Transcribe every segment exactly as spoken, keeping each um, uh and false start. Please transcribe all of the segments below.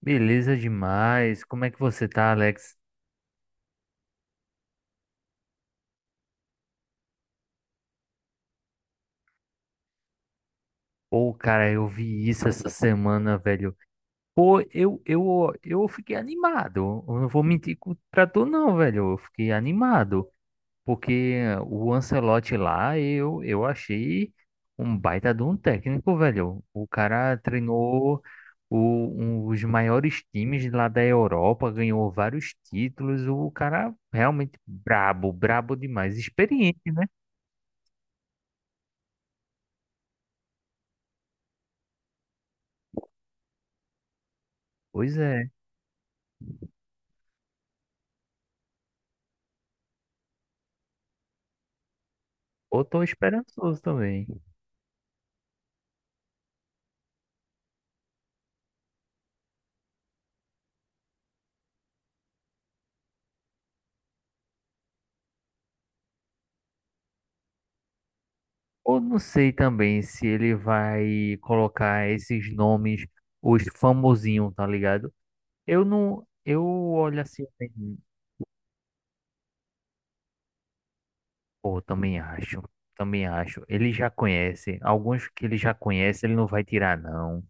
Beleza demais. Como é que você tá, Alex? Pô, cara, eu vi isso essa semana, velho. Pô, eu, eu, eu fiquei animado. Eu não vou mentir co- pra tu, não, velho. Eu fiquei animado. Porque o Ancelotti lá, eu, eu achei um baita de um técnico, velho. O cara treinou o, um, os maiores times lá da Europa, ganhou vários títulos. O cara realmente brabo, brabo demais. Experiente, né? Pois é. Eu tô esperançoso também. Eu não sei também se ele vai colocar esses nomes, os famosinhos, tá ligado? Eu não. Eu olho assim bem. Pô, também acho. Também acho. Ele já conhece. Alguns que ele já conhece, ele não vai tirar, não.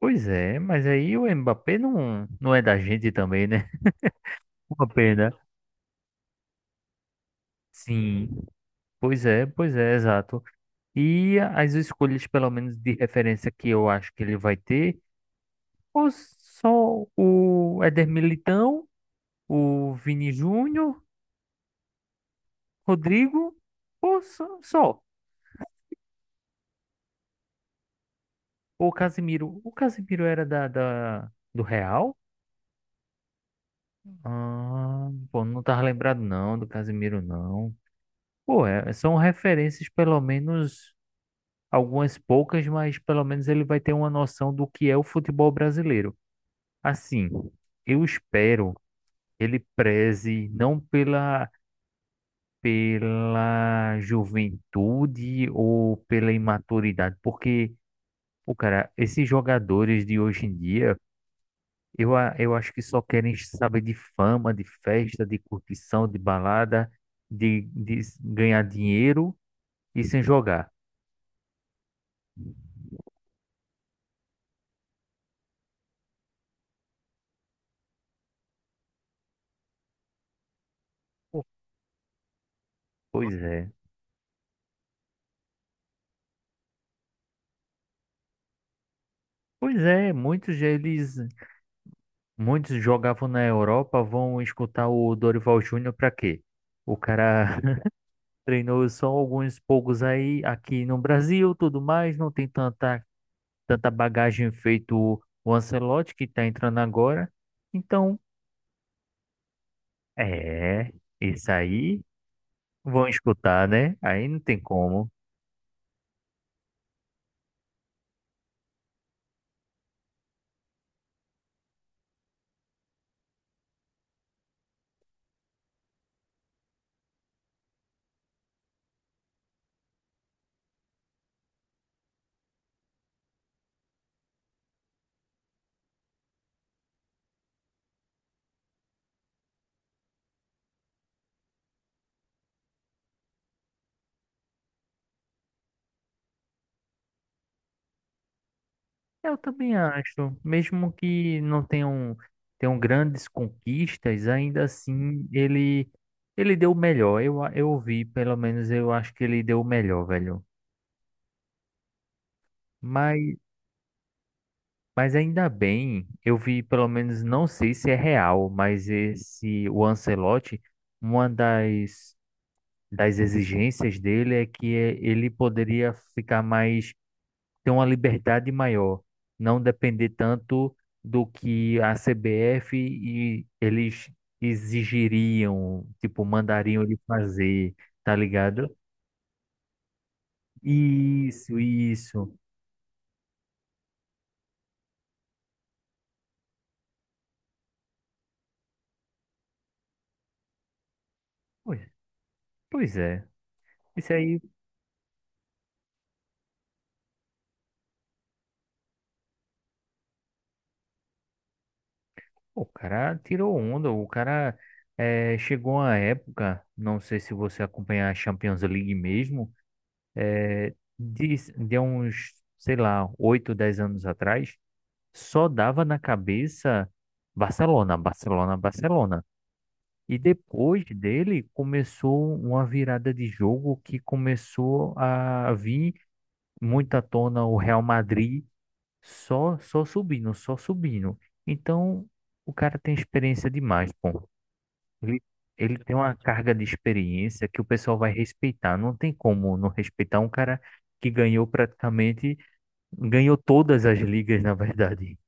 Pois é, mas aí o Mbappé não, não é da gente também, né? Uma pena. Sim. Pois é, pois é, exato. E as escolhas, pelo menos de referência, que eu acho que ele vai ter, os só o Éder Militão, o Vini Júnior, Rodrigo, ou só, só o Casimiro. O Casimiro era da, da- do Real? Ah, pô, não tava lembrado não do Casimiro não. Pô, é- são referências, pelo menos algumas poucas, mas pelo menos ele vai ter uma noção do que é o futebol brasileiro. Assim, eu espero que ele preze não pela pela juventude ou pela imaturidade. Porque, pô, cara, esses jogadores de hoje em dia, eu, a- eu acho que só querem saber de fama, de festa, de curtição, de balada, de, de s- ganhar dinheiro e sem jogar. Pô, pois é. Pois é, muitos deles, muitos jogavam na Europa, vão escutar o Dorival Júnior pra quê? O cara treinou só alguns poucos aí aqui no Brasil, tudo mais, não tem tanta tanta bagagem feito o o Ancelotti, que está entrando agora. Então, é, isso aí vão escutar, né? Aí não tem como. Eu também acho, mesmo que não tenham, tenham grandes conquistas, ainda assim ele ele deu o melhor. Eu, a- eu vi, pelo menos eu acho que ele deu o melhor, velho. Mas, mas ainda bem, eu vi, pelo menos, não sei se é real, mas esse, o Ancelotti, uma das das exigências dele é que eh, ele poderia ficar mais, ter uma liberdade maior, não depender tanto do que a C B F e eles exigiriam, tipo, mandariam ele fazer, tá ligado? Isso, isso. Pois, pois é. Isso aí, pô, o cara tirou onda, o cara, eh, chegou a época, não sei se você acompanha a Champions League mesmo, eh, de, de uns, sei lá, oito a dez anos atrás, só dava na cabeça Barcelona, Barcelona, Barcelona. E depois dele começou uma virada de jogo que começou a vir muito à tona o Real Madrid, só, só subindo, só subindo. Então o cara tem experiência demais, pô. Ele, ele tem uma carga de experiência que o pessoal vai respeitar. Não tem como não respeitar um cara que ganhou praticamente, ganhou todas as ligas, na verdade.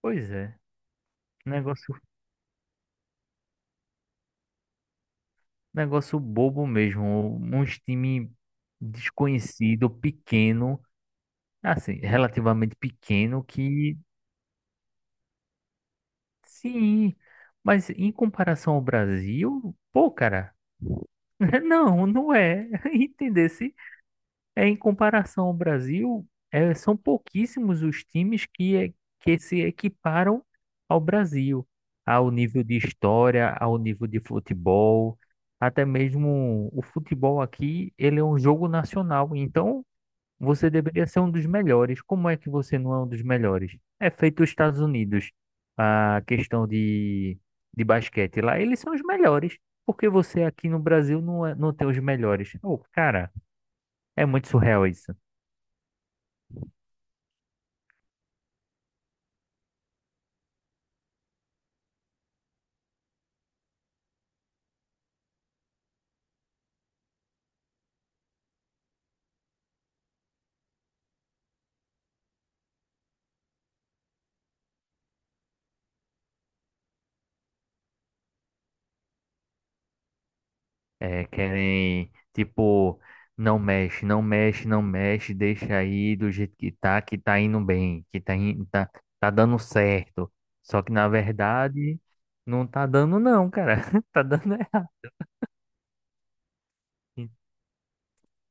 Pois é, negócio, negócio bobo mesmo. Um, Uns time desconhecido, pequeno, assim, relativamente pequeno, que sim, mas em comparação ao Brasil, pô, cara, não, não é. Entendesse? É, em comparação ao Brasil, é, são pouquíssimos os times que, é- que se equiparam ao Brasil, ao nível de história, ao nível de futebol. Até mesmo o futebol aqui, ele é um jogo nacional, então você deveria ser um dos melhores. Como é que você não é um dos melhores? É feito os Estados Unidos, a questão de, de basquete lá, eles são os melhores. Por que você aqui no Brasil não, é- não tem os melhores? Ô, cara, é muito surreal isso. É, querem, tipo, não mexe, não mexe, não mexe, deixa aí do jeito que tá, que tá indo bem, que tá, in- tá, tá dando certo. Só que na verdade, não tá dando não, cara. Tá dando errado.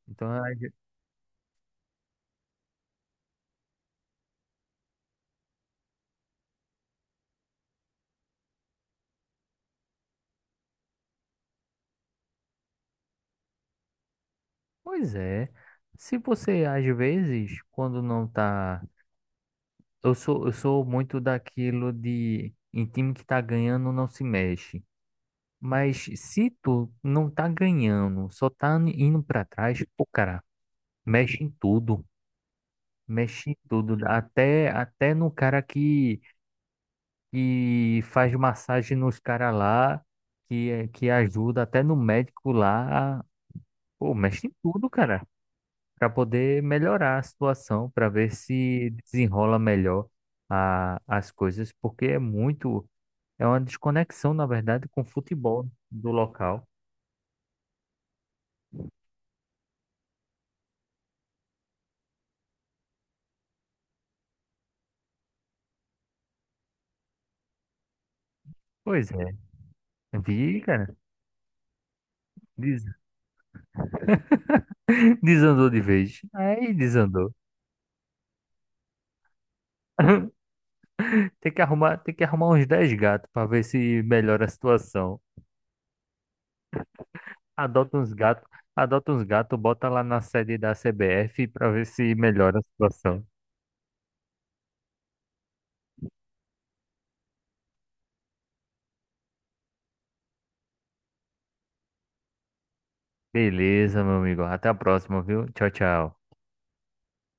Então, às ve- pois é. Se você, às vezes, quando não tá... Eu sou, eu sou muito daquilo de em time que tá ganhando não se mexe. Mas se tu não tá ganhando, só tá n- indo pra trás, pô, cara, mexe em tudo. Mexe em tudo. Até, até no cara que, que faz massagem nos caras lá, que, é- que ajuda, até no médico lá. Pô, mexe em tudo, cara, para poder melhorar a situação, para ver se desenrola melhor a, as coisas, porque é muito, é uma desconexão, na verdade, com o futebol do local. Pois é, vi, cara, des- desandou de vez. Aí desandou. Tem que arrumar, tem que arrumar uns dez gatos para ver se melhora a situação. Adota uns gatos, adota uns gatos, bota lá na sede da C B F para ver se melhora a situação. Beleza, meu amigo. Até a próxima, viu? Tchau, tchau.